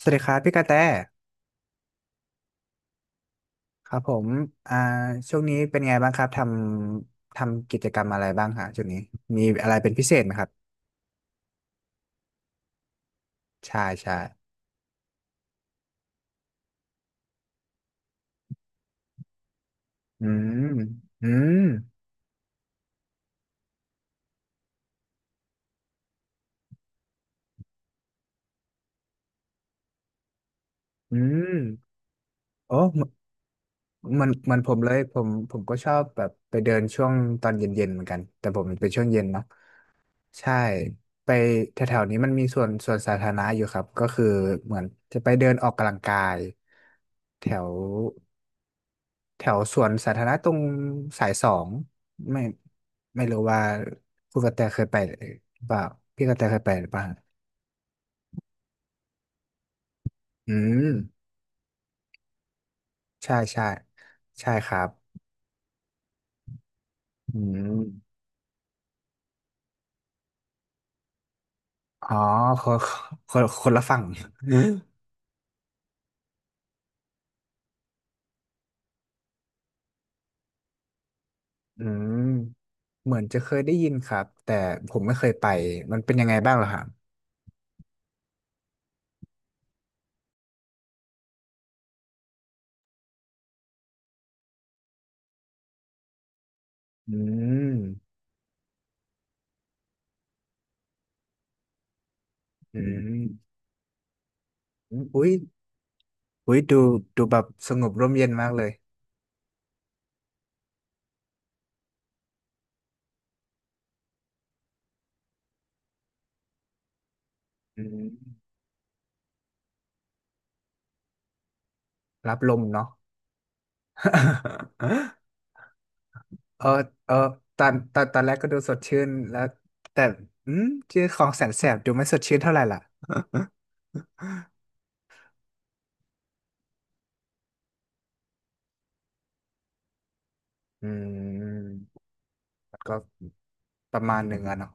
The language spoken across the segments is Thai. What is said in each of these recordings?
สวัสดีครับพี่กระแตครับผมอ่าช่วงนี้เป็นไงบ้างครับทำกิจกรรมอะไรบ้างฮะช่วงนี้มีอะไรเป็นพิเศษไหมครับใช่ใช่อืมอืมอืมโอ้เหมือนเหมันเหมันผมเลยผมก็ชอบแบบไปเดินช่วงตอนเย็นๆเหมือนกันแต่ผมเป็นช่วงเย็นเนาะใช่ไปแถวๆนี้มันมีส่วนสาธารณะอยู่ครับก็คือเหมือนจะไปเดินออกกำลังกายแถว แถวสวนสาธารณะตรงสายสองไม่ไม่รู้ว่าคุณกระแตเคยไปหรือเปล่าพี่กระแตเคยไปหรือเปล่าอืมใช่ใช่ใช่ครับอืมอ๋อคนคนละฝั่งอืมเหมือนจะเคยได้ยินครับแต่ผมไม่เคยไปมันเป็นยังไงบ้างเหรอครับอืมอืมอมอุ้ยอุ้ยดูแบบสงบร่มเย็นมากเลยอืมรับลมเนาะ เออเออตอนแรกก็ดูสดชื่นแล้วแต่อืมชื่อของแสนแสบดูไม่สดชื่นเท่าไหร่ล่ะ อืมก็ประมาณหนึ่งอะเนาะ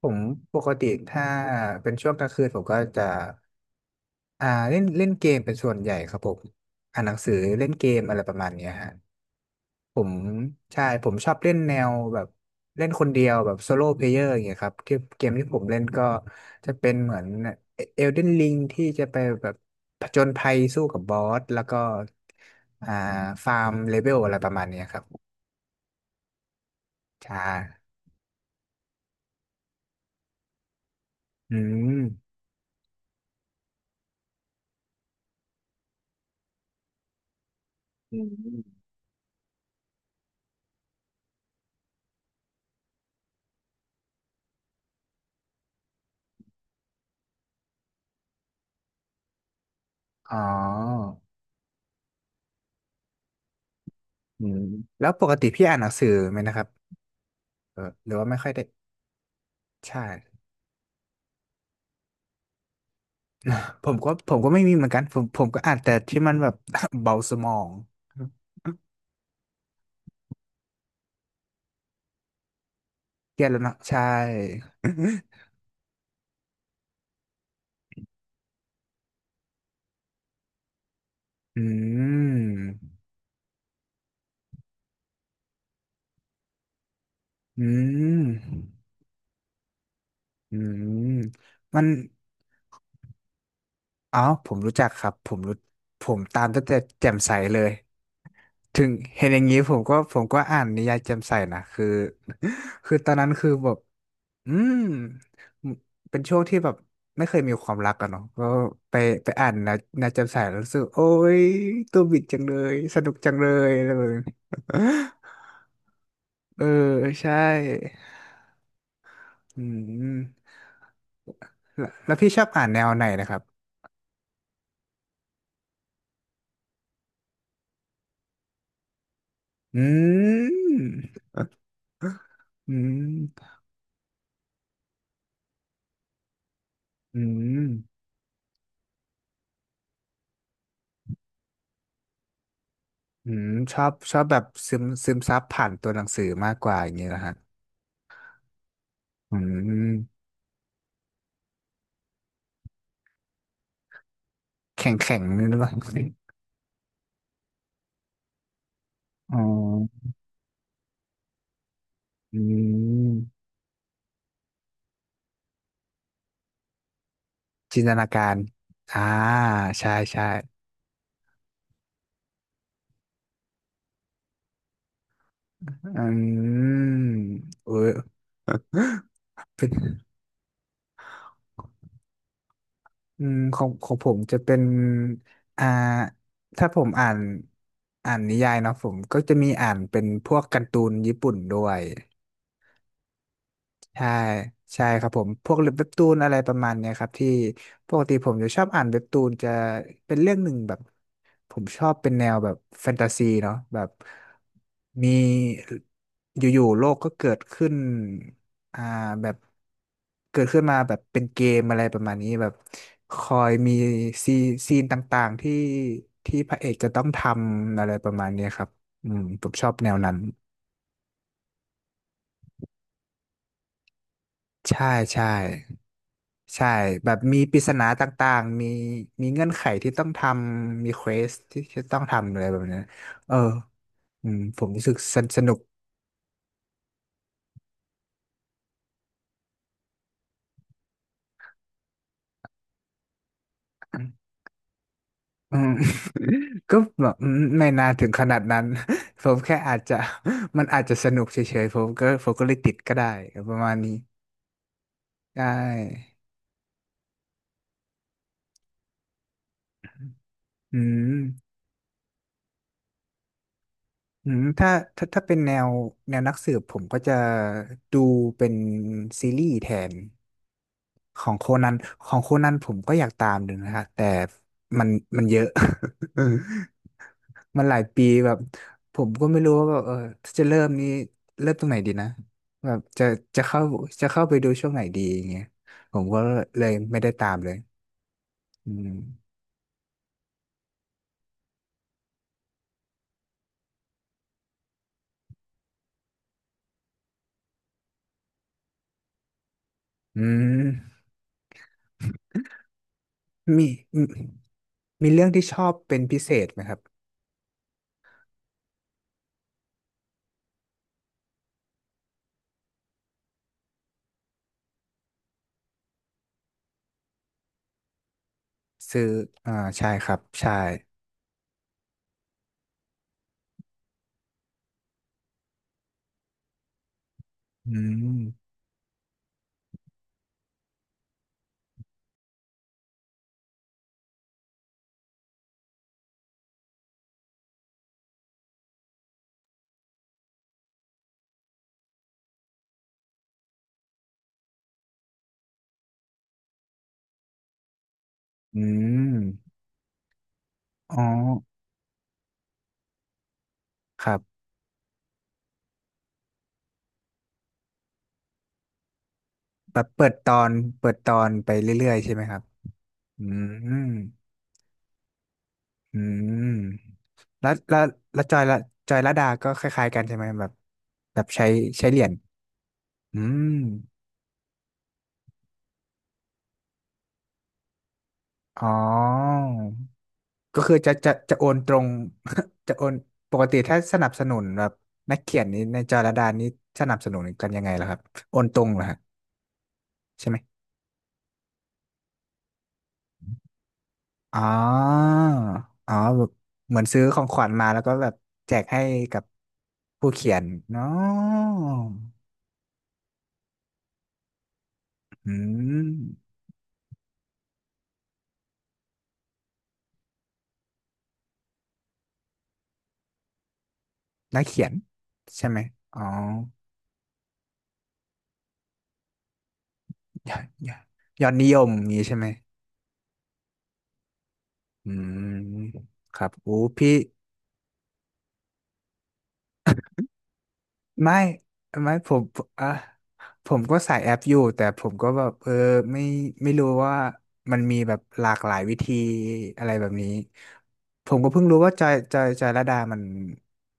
ผมปกติถ้าเป็นช่วงกลางคืน ผมก็จะเล่นเล่นเกมเป็นส่วนใหญ่ครับผมอ่านหนังสือเล่นเกมอะไรประมาณเนี้ยฮะ ผมใช่ผมชอบเล่นแนวแบบเล่นคนเดียวแบบโซโล่เพลเยอร์อย่างเงี้ยครับที่เกมที่ผมเล่นก็จะเป็นเหมือนเอลเดนลิงที่จะไปแบบผจญภัยสู้กับบอสแล้วก็อ่าฟาร์มเลเวลอะไรประมาณเนี้ยครับใช่อืมอ๋ออืมแล้วปกติพี่อ่านหนังสือไหมนะครับเออหรือว่าไม่ค่อยได้ใช่ผมก็ไม่มีเหมือนกันผมก็อ่านแต่ที่มันแบบ เบาสมอง เครียดแล้วเนาะใช่ อืม อืม อืมมันอ๋อผมรู้จักครับผมรู้ผมตามตั้งแต่แจ่มใสเลยถึงเห็นอย่างนี้ผมก็อ่านนิยายแจ่มใสนะคือ คือตอนนั้นคือแบบอืมเป็นช่วงที่แบบไม่เคยมีความรักอะเนาะก็ไปไปอ่านนะแจ่มใสแล้วรู้สึกโอ้ยตัวบิดจังเลยสนุกจังเลยอะไรแบบนี้ เออใช่ อืมแล้วพี่ชอบอ่านแนวไหนนะครับอืมอืมอืมอืมชอบแบบซึมซับผ่านตัวหนังสือมากกว่าอย่างนี้นะฮะอืมแข็งแข็งนี่หรือเปล่าอ๋ออืมจินตนาการอ่าใช่ใช่อืมเออเป็น อืมของผมจะเป็นอ่าถ้าผมอ่านนิยายเนาะผมก็จะมีอ่านเป็นพวกการ์ตูนญี่ปุ่นด้วยใช่ใช่ครับผมพวกเว็บตูนอะไรประมาณเนี้ยครับที่ปกติผมจะชอบอ่านเว็บตูนจะเป็นเรื่องหนึ่งแบบ ผมชอบเป็นแนวแบบแฟนตาซีเนาะแบบมีอยู่ๆโลกก็เกิดขึ้นอ่าแบบเกิดขึ้นมาแบบเป็นเกมอะไรประมาณนี้แบบคอยมีซีซีนต่างๆที่พระเอกจะต้องทำอะไรประมาณเนี้ยครับอืมผมชอบแนวนั้นใช่ใช่ใช่แบบมีปริศนาต่างๆมีเงื่อนไขที่ต้องทำมีเควสที่จะต้องทำอะไรแบบนี้นเอออืมผมรู้สึกสนุก อืม ก็แบบไม่นานถึงขนาดนั้น ผมแค่อาจจะ มันอาจจะสนุกเฉยๆผมก็เลยติดก็ได้ประมาณนี้ได้อืมอืมถ้าเป็นแนวนักสืบผมก็จะดูเป็นซีรีส์แทนของโคนันของโคนันผมก็อยากตามดูนะคะแต่มันมันเยอะ มันหลายปีแบบผมก็ไม่รู้ว่าแบบเออถ้าจะเริ่มตรงไหนดีนะแบบจะเข้าจะเข้าไปดูช่วงไหนดีอย่างเงี้ยผมก็เลยไม่ได้ตามเลยอืมอืมมีมีมีเรื่องที่ชอบเป็นพิเศษไหมครับซื้ออ่าใช่ครับใช่อืมอืมอ๋อครับแบบเปิดตอนเปิดตอนไปเรื่อยๆใช่ไหมครับอืม อืมแล้วแล้วแล้วจอยละดาก็คล้ายๆกันใช่ไหมแบบแบบใช้เหรียญอืมอ๋อก็คือจะโอนตรง จะโอนปกติถ้าสนับสนุนแบบนักเขียนนี้ในจอยละดานี้สนับสนุนกันยังไงล่ะครับโอนตรงเหรอฮะใช่ไหมอ๋ออ๋อแบบเหมือนซื้อของขวัญมาแล้วก็แบบแจกให้กับผู้เขียนเนาะอืมนักเขียนใช่ไหมอ๋อ ยอดยอดยอดนิยมอย่างนี้ใช่ไหมอืม ครับโอ้พี่ ไม่ไม่ผมอ่ะผมก็ใส่แอปอยู่แต่ผมก็แบบเออไม่ไม่รู้ว่ามันมีแบบหลากหลายวิธีอะไรแบบนี้ผมก็เพิ่งรู้ว่าจอยระดามัน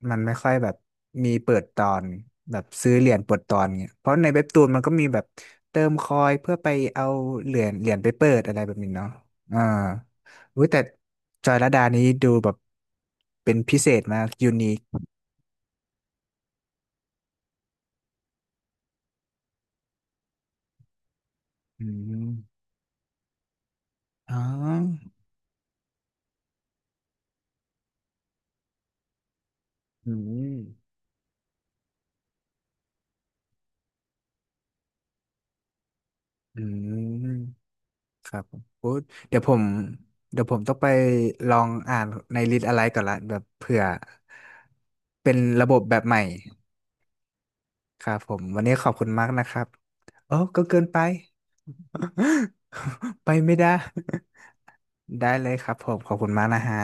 มันไม่ค่อยแบบมีเปิดตอนแบบซื้อเหรียญเปิดตอนเงี้ยเพราะในเว็บตูนมันก็มีแบบเติมคอยเพื่อไปเอาเหรียญไปเปิดอะไรแบบนี้เนาะอ่าอุ้ยแต่จอยระดานี้ดูแบบเป็นพิเศษมากยูนิคอืมอ๋อ อืมอืมครับผมโอ้เดี๋ยวผมเดี๋ยวผมต้องไปลองอ่านในลิสต์อะไรก่อนละแบบเผื่อเป็นระบบแบบใหม่ครับผมวันนี้ขอบคุณมากนะครับโอ้ก็เกินไป ไปไม่ได้ได้เลยครับผมขอบคุณมากนะฮะ